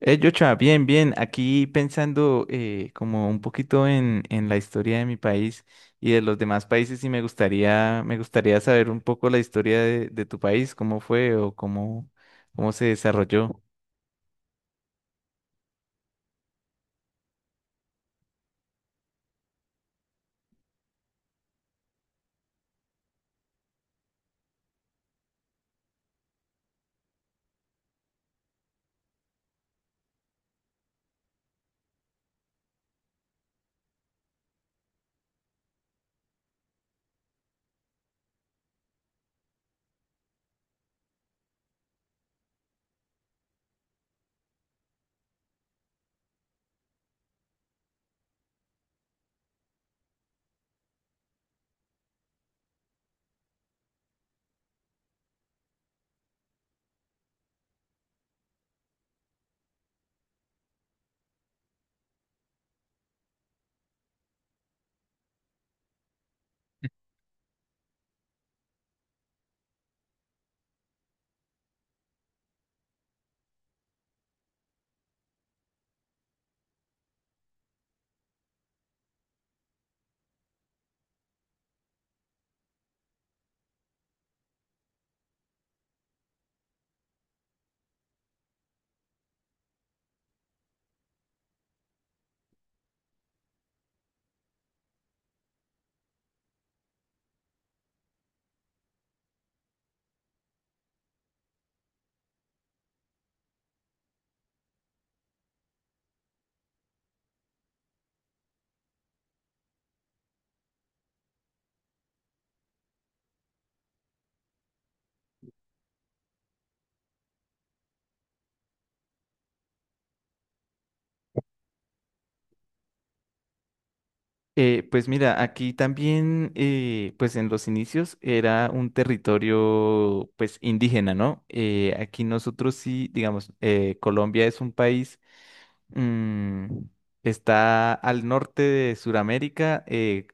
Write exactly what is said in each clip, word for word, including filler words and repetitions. Eh, Yocha, bien, bien. Aquí pensando eh, como un poquito en, en la historia de mi país y de los demás países y me gustaría, me gustaría saber un poco la historia de, de tu país, cómo fue o cómo, cómo se desarrolló. Eh, pues mira, aquí también, eh, pues en los inicios era un territorio pues indígena, ¿no? Eh, aquí nosotros sí, digamos, eh, Colombia es un país. mm, Está al norte de Sudamérica. eh,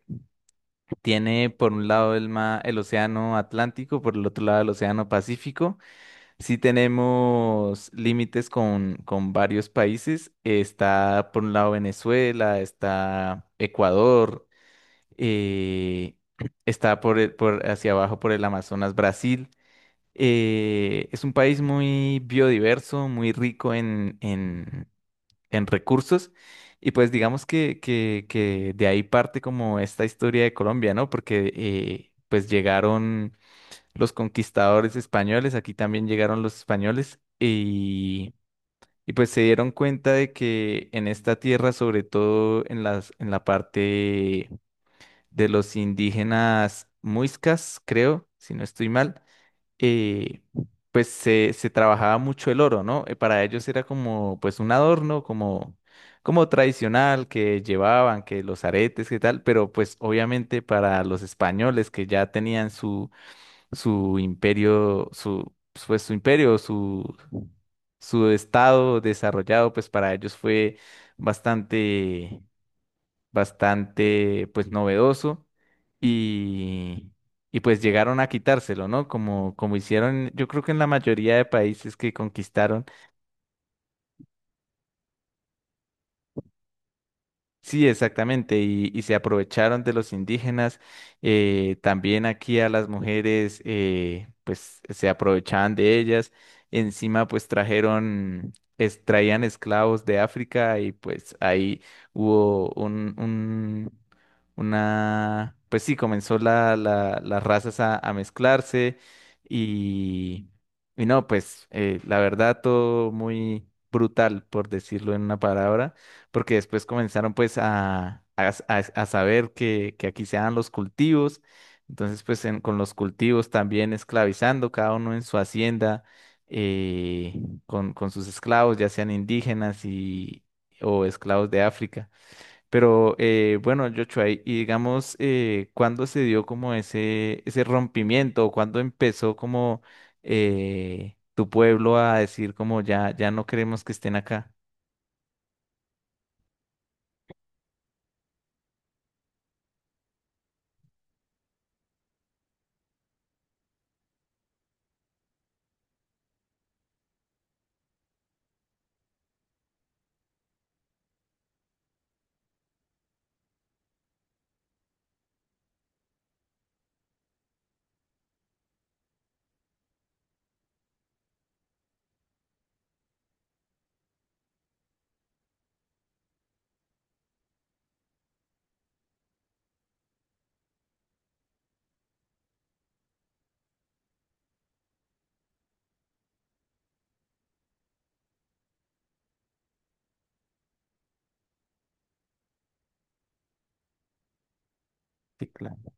Tiene por un lado el, ma- el océano Atlántico, por el otro lado el océano Pacífico. Sí tenemos límites con, con, varios países. Está por un lado Venezuela, está Ecuador, eh, está por, el- por hacia abajo por el Amazonas Brasil. Eh, es un país muy biodiverso, muy rico en, en, recursos. Y pues digamos que, que, que de ahí parte como esta historia de Colombia, ¿no? Porque eh, pues llegaron los conquistadores españoles, aquí también llegaron los españoles y, y, pues se dieron cuenta de que en esta tierra, sobre todo en las, en la parte de los indígenas muiscas, creo, si no estoy mal, eh, pues se, se trabajaba mucho el oro, ¿no? Eh, Para ellos era como pues un adorno, como, como tradicional que llevaban, que los aretes, que tal, pero pues obviamente para los españoles que ya tenían su, su imperio, su, pues su imperio, su, su estado desarrollado, pues para ellos fue bastante bastante pues novedoso y, y, pues llegaron a quitárselo, ¿no? Como, como hicieron yo creo que en la mayoría de países que conquistaron. Sí, exactamente, y, y se aprovecharon de los indígenas. Eh, también aquí a las mujeres, eh, pues se aprovechaban de ellas. Encima, pues trajeron, es- traían esclavos de África y pues ahí hubo un, un- una, pues sí, comenzó la, la- las razas a, a mezclarse y, y no, pues eh, la verdad todo muy brutal, por decirlo en una palabra porque después comenzaron pues a, a, a- a saber que, que aquí se dan los cultivos, entonces pues en- con los cultivos también esclavizando cada uno en su hacienda, eh, con, con sus esclavos, ya sean indígenas y, o esclavos de África. Pero eh, bueno, Joshua, y y digamos, eh, ¿cuándo se dio como ese, ese rompimiento? ¿O cuándo empezó como eh, tu pueblo a decir como ya, ya no queremos que estén acá? Sí, claro.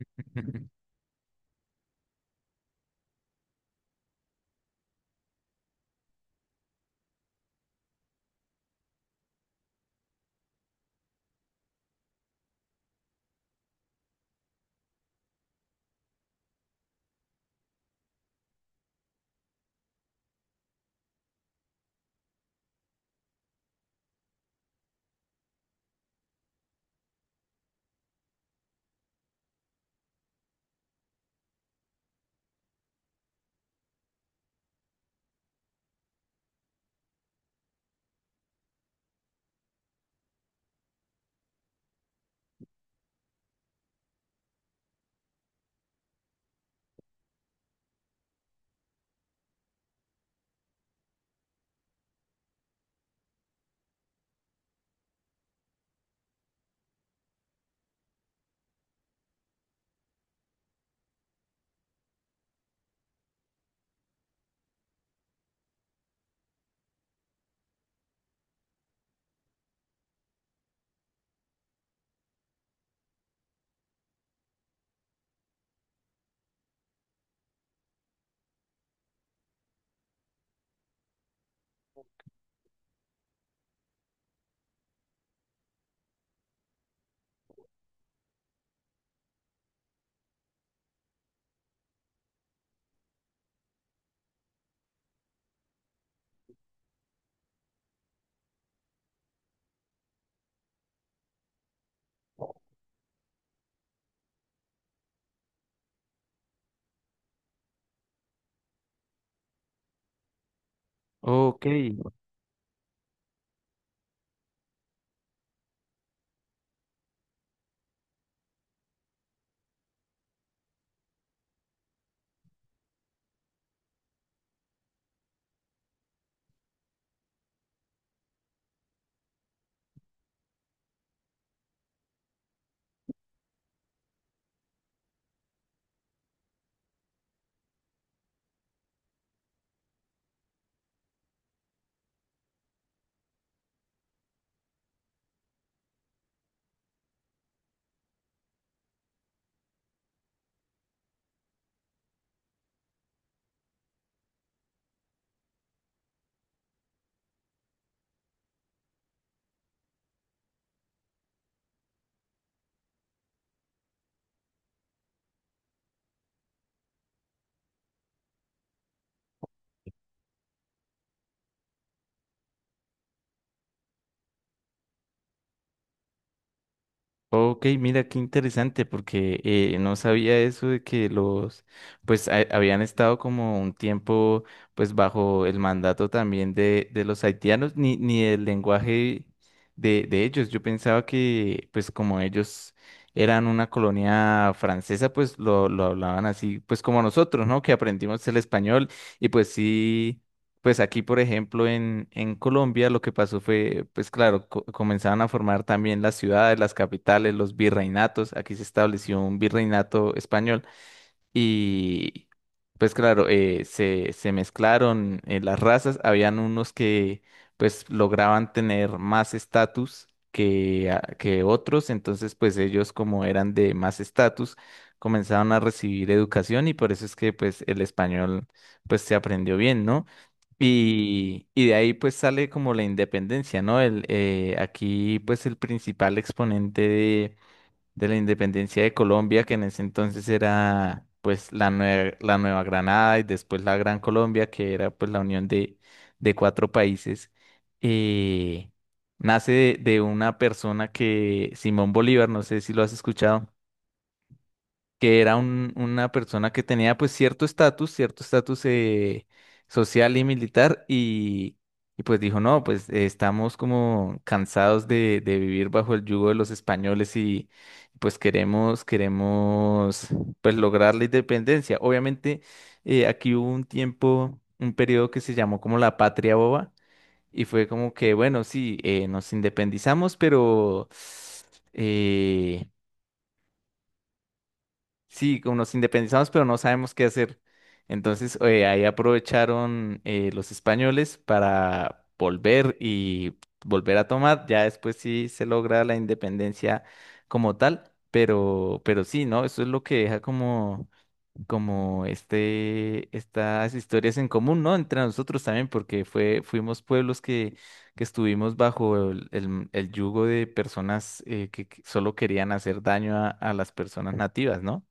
Ok, ok, mira qué interesante porque eh, no sabía eso de que los, pues ha- habían estado como un tiempo pues bajo el mandato también de, de los haitianos, ni, ni el lenguaje de, de ellos. Yo pensaba que pues como ellos eran una colonia francesa pues lo, lo hablaban así pues como nosotros, ¿no? Que aprendimos el español y pues sí. Pues aquí, por ejemplo, en, en, Colombia lo que pasó fue, pues claro, co- comenzaron a formar también las ciudades, las capitales, los virreinatos. Aquí se estableció un virreinato español. Y pues claro, eh, se, se mezclaron eh, las razas. Habían unos que pues lograban tener más estatus que, a- que otros. Entonces pues ellos como eran de más estatus comenzaron a recibir educación y por eso es que pues el español pues se aprendió bien, ¿no? Y, y de ahí pues sale como la independencia, ¿no? El, eh, aquí pues el principal exponente de la independencia de Colombia, que en ese entonces era pues la nueva, la Nueva Granada y después la Gran Colombia, que era pues la unión de, de cuatro países, eh, nace de, de una persona que, Simón Bolívar, no sé si lo has escuchado, que era un- una persona que tenía pues cierto estatus, cierto estatus, eh, social y militar y, y, pues dijo, no, pues eh, estamos como cansados de, de vivir bajo el yugo de los españoles y pues queremos, queremos pues lograr la independencia. Obviamente eh, aquí hubo un tiempo, un periodo que se llamó como la Patria Boba y fue como que, bueno, sí, eh, nos independizamos, pero. eh, Sí, como nos independizamos, pero no sabemos qué hacer. Entonces, eh, ahí aprovecharon eh, los españoles para volver y volver a tomar. Ya después sí se logra la independencia como tal, pero, pero sí, ¿no? Eso es lo que deja como, como este, estas historias en común, ¿no? Entre nosotros también, porque fue, fuimos pueblos que, que estuvimos bajo el, el- el yugo de personas, eh, que que solo querían hacer daño a a las personas nativas, ¿no?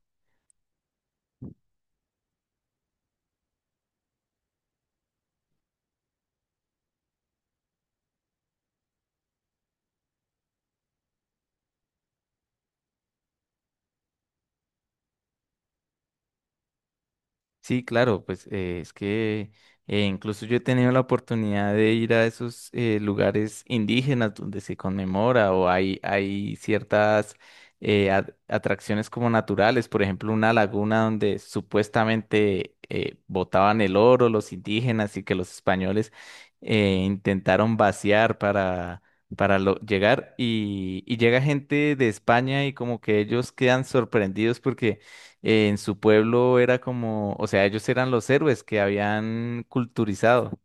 Sí, claro, pues eh, es que eh, incluso yo he tenido la oportunidad de ir a esos eh, lugares indígenas donde se conmemora o hay, hay, ciertas eh, at- atracciones como naturales, por ejemplo, una laguna donde supuestamente eh, botaban el oro los indígenas y que los españoles eh, intentaron vaciar para, para lo- llegar y, y llega gente de España y como que ellos quedan sorprendidos porque eh, en su pueblo era como, o sea, ellos eran los héroes que habían culturizado.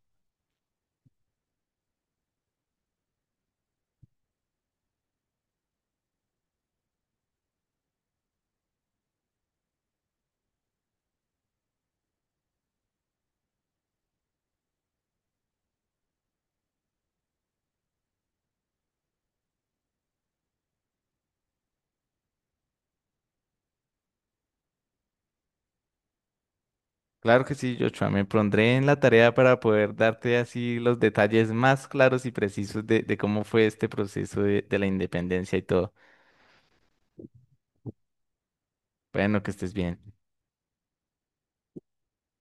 Claro que sí, Joshua, me pondré en la tarea para poder darte así los detalles más claros y precisos de, de cómo fue este proceso de, de la independencia y todo. Bueno, que estés bien.